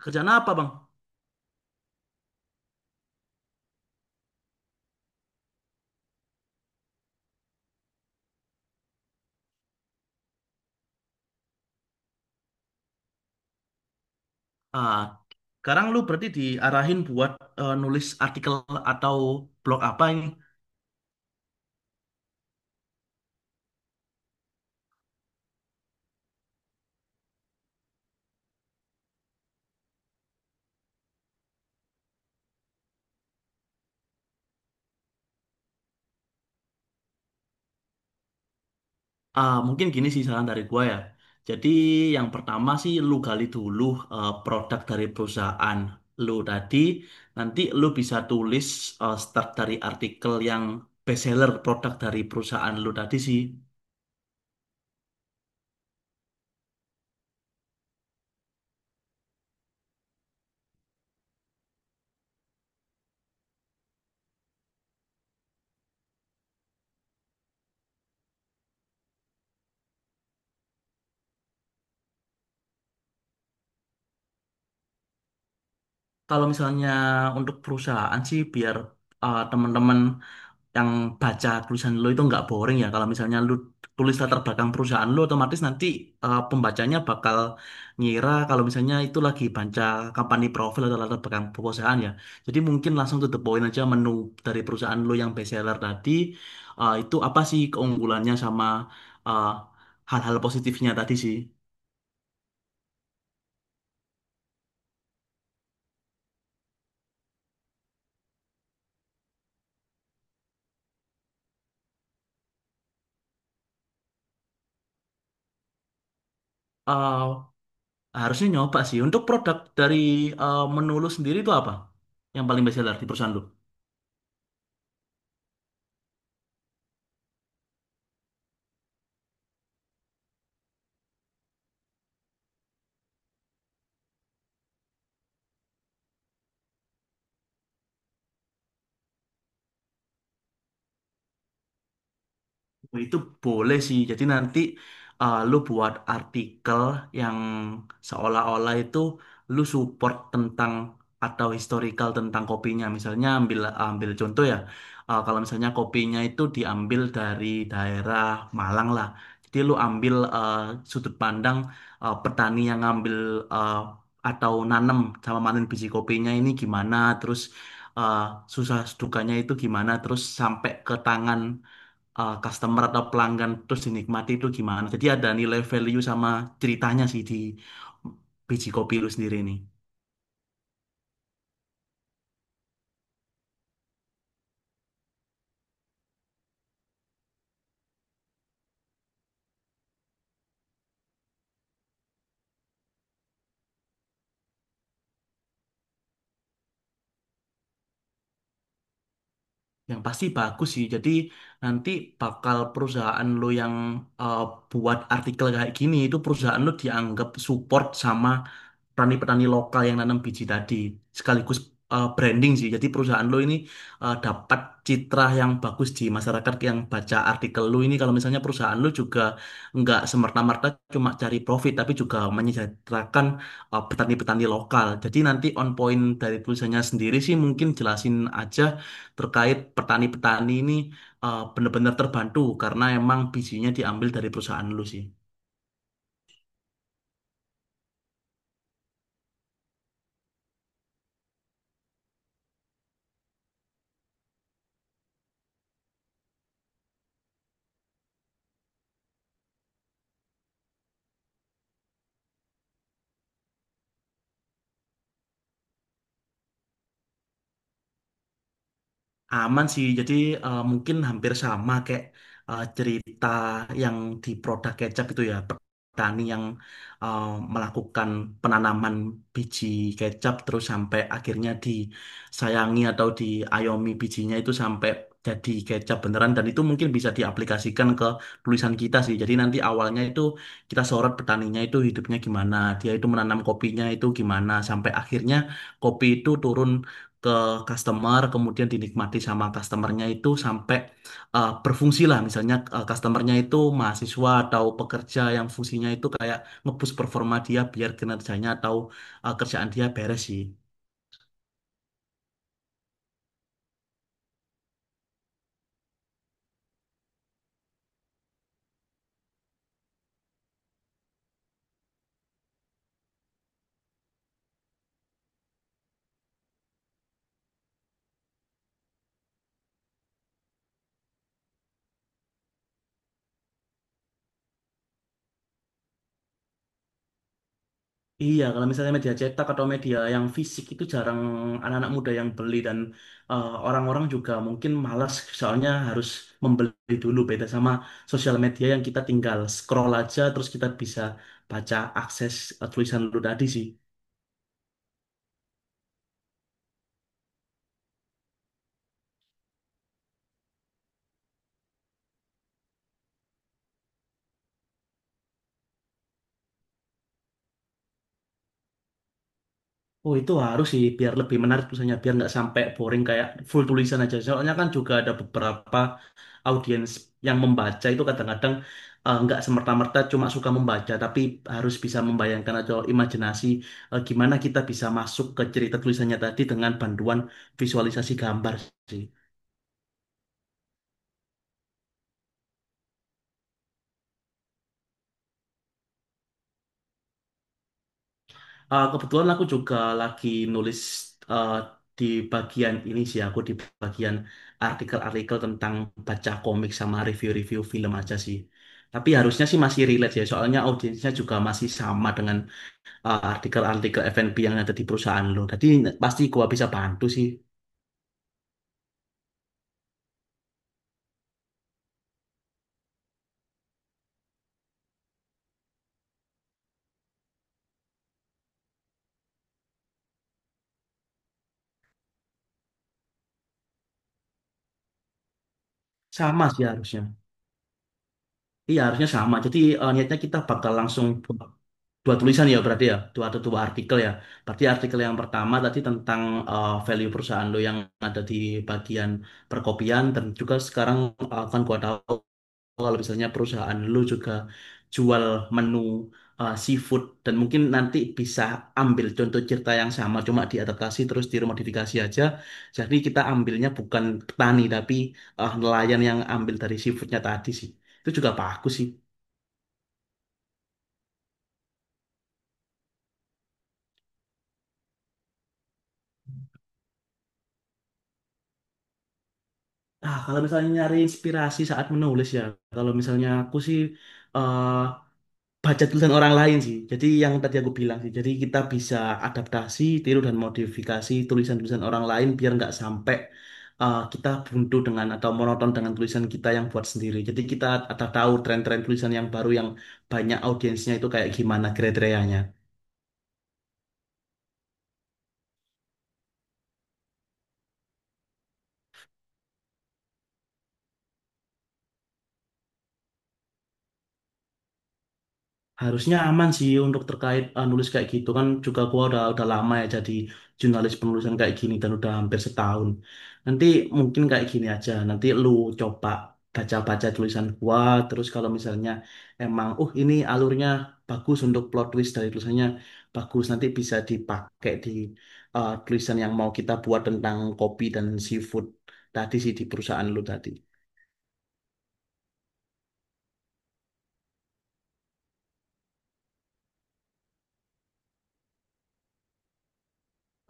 Kerjaan apa, Bang? Ah, Sekarang lu berarti diarahin buat nulis artikel atau blog apa ini? Mungkin gini sih saran dari gua ya. Jadi yang pertama sih lu gali dulu produk dari perusahaan lu tadi. Nanti lu bisa tulis start dari artikel yang bestseller produk dari perusahaan lu tadi sih. Kalau misalnya untuk perusahaan sih biar teman-teman yang baca tulisan lo itu nggak boring ya. Kalau misalnya lo tulis latar belakang perusahaan lo, otomatis nanti pembacanya bakal ngira kalau misalnya itu lagi baca company profile atau latar belakang perusahaan ya. Jadi mungkin langsung to the point aja menu dari perusahaan lo yang best seller tadi, itu apa sih keunggulannya sama eh, hal-hal positifnya tadi sih. Eh, Harusnya nyoba sih. Untuk produk dari menu lo sendiri itu apa? Yang paling best seller di perusahaan lo? Oh, itu boleh sih. Jadi nanti lu buat artikel yang seolah-olah itu lu support tentang atau historical tentang kopinya. Misalnya ambil ambil contoh ya. Kalau misalnya kopinya itu diambil dari daerah Malang lah. Jadi lu ambil sudut pandang petani yang ngambil eh, atau nanem sama panen biji kopinya ini gimana, terus eh, susah dukanya itu gimana, terus sampai ke tangan customer atau pelanggan terus dinikmati itu gimana. Jadi ada nilai value sama ceritanya sih di biji kopi lu sendiri nih. Yang pasti bagus sih. Jadi nanti bakal perusahaan lu yang uh, buat artikel kayak gini itu perusahaan lu dianggap support sama petani-petani lokal yang nanam biji tadi sekaligus branding sih. Jadi perusahaan lo ini dapat citra yang bagus di masyarakat yang baca artikel lo ini. Kalau misalnya perusahaan lo juga nggak semerta-merta cuma cari profit, tapi juga menyejahterakan petani-petani lokal. Jadi nanti on point dari tulisannya sendiri sih mungkin jelasin aja terkait petani-petani ini benar-benar terbantu karena emang bijinya diambil dari perusahaan lo sih. Aman sih, jadi mungkin hampir sama kayak cerita yang di produk kecap itu ya, petani yang eh, melakukan penanaman biji kecap terus sampai akhirnya disayangi atau diayomi bijinya itu sampai jadi kecap beneran dan itu mungkin bisa diaplikasikan ke tulisan kita sih. Jadi nanti awalnya itu kita sorot petaninya itu hidupnya gimana, dia itu menanam kopinya itu gimana sampai akhirnya kopi itu turun ke customer, kemudian dinikmati sama customernya itu sampai berfungsi lah. Misalnya customernya itu mahasiswa atau pekerja yang fungsinya itu kayak nge-boost performa dia biar kinerjanya atau kerjaan dia beres sih. Iya, kalau misalnya media cetak atau media yang fisik itu jarang anak-anak muda yang beli dan orang-orang juga mungkin malas soalnya harus membeli dulu beda sama sosial media yang kita tinggal scroll aja terus kita bisa baca akses tulisan lu tadi sih. Oh, itu harus sih biar lebih menarik tulisannya biar nggak sampai boring kayak full tulisan aja. Soalnya kan juga ada beberapa audiens yang membaca itu kadang-kadang nggak semerta-merta cuma suka membaca tapi harus bisa membayangkan atau imajinasi gimana kita bisa masuk ke cerita tulisannya tadi dengan bantuan visualisasi gambar sih. Kebetulan aku juga lagi nulis eh, di bagian ini sih, aku di bagian artikel-artikel tentang baca komik sama review-review film aja sih. Tapi harusnya sih masih relate ya, soalnya audiensnya juga masih sama dengan artikel-artikel F&B yang ada di perusahaan lo. Jadi pasti gua bisa bantu sih. Sama sih harusnya. Iya harusnya sama. Jadi niatnya kita bakal langsung buat dua tulisan ya berarti ya dua atau dua artikel ya berarti artikel yang pertama tadi tentang value perusahaan lo yang ada di bagian perkopian dan juga sekarang akan gua tahu kalau misalnya perusahaan lo juga jual menu seafood dan mungkin nanti bisa ambil contoh cerita yang sama cuma diadaptasi terus diremodifikasi aja jadi kita ambilnya bukan petani tapi nelayan yang ambil dari seafoodnya tadi sih itu juga bagus sih. Kalau misalnya nyari inspirasi saat menulis ya, kalau misalnya aku sih eh, baca tulisan orang lain sih. Jadi yang tadi aku bilang sih, jadi kita bisa adaptasi, tiru dan modifikasi tulisan-tulisan orang lain biar nggak sampai kita buntu dengan atau monoton dengan tulisan kita yang buat sendiri. Jadi kita ada tahu tren-tren tulisan yang baru yang banyak audiensnya itu kayak gimana kriteria. Harusnya aman sih untuk terkait nulis kayak gitu kan juga gua udah lama ya jadi jurnalis penulisan kayak gini dan udah hampir setahun. Nanti mungkin kayak gini aja. Nanti lu coba baca-baca tulisan gua terus kalau misalnya emang ini alurnya bagus untuk plot twist dari tulisannya bagus nanti bisa dipakai di tulisan yang mau kita buat tentang kopi dan seafood tadi sih di perusahaan lu tadi.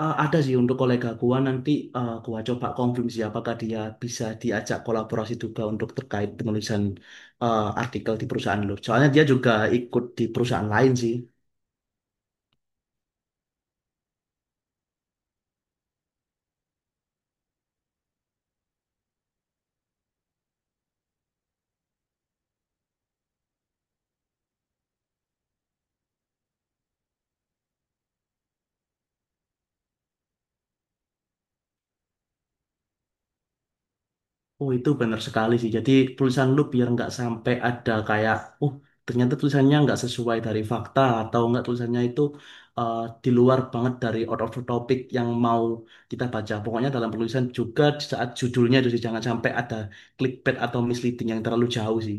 Ada sih untuk kolega gua nanti gua coba konfirmasi apakah dia bisa diajak kolaborasi juga untuk terkait penulisan artikel di perusahaan lu. Soalnya dia juga ikut di perusahaan lain sih. Oh, itu benar sekali sih. Jadi tulisan lu biar nggak sampai ada kayak, oh, ternyata tulisannya nggak sesuai dari fakta atau nggak tulisannya itu eh, di luar banget dari out of the topic yang mau kita baca. Pokoknya dalam penulisan juga di saat judulnya itu sih jangan sampai ada clickbait atau misleading yang terlalu jauh sih.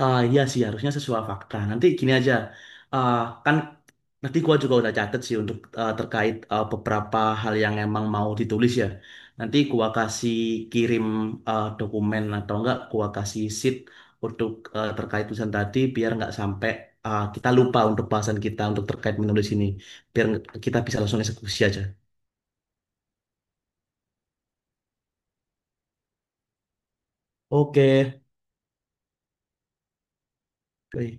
Iya sih harusnya sesuai fakta. Nanti gini aja, Ah, kan nanti gua juga udah catet sih untuk terkait beberapa hal yang emang mau ditulis ya. Nanti gua kasih kirim dokumen atau enggak, gua kasih sheet untuk terkait tulisan tadi biar nggak sampai kita lupa untuk bahasan kita untuk terkait menulis ini, biar kita bisa langsung eksekusi aja. Oke. Oke.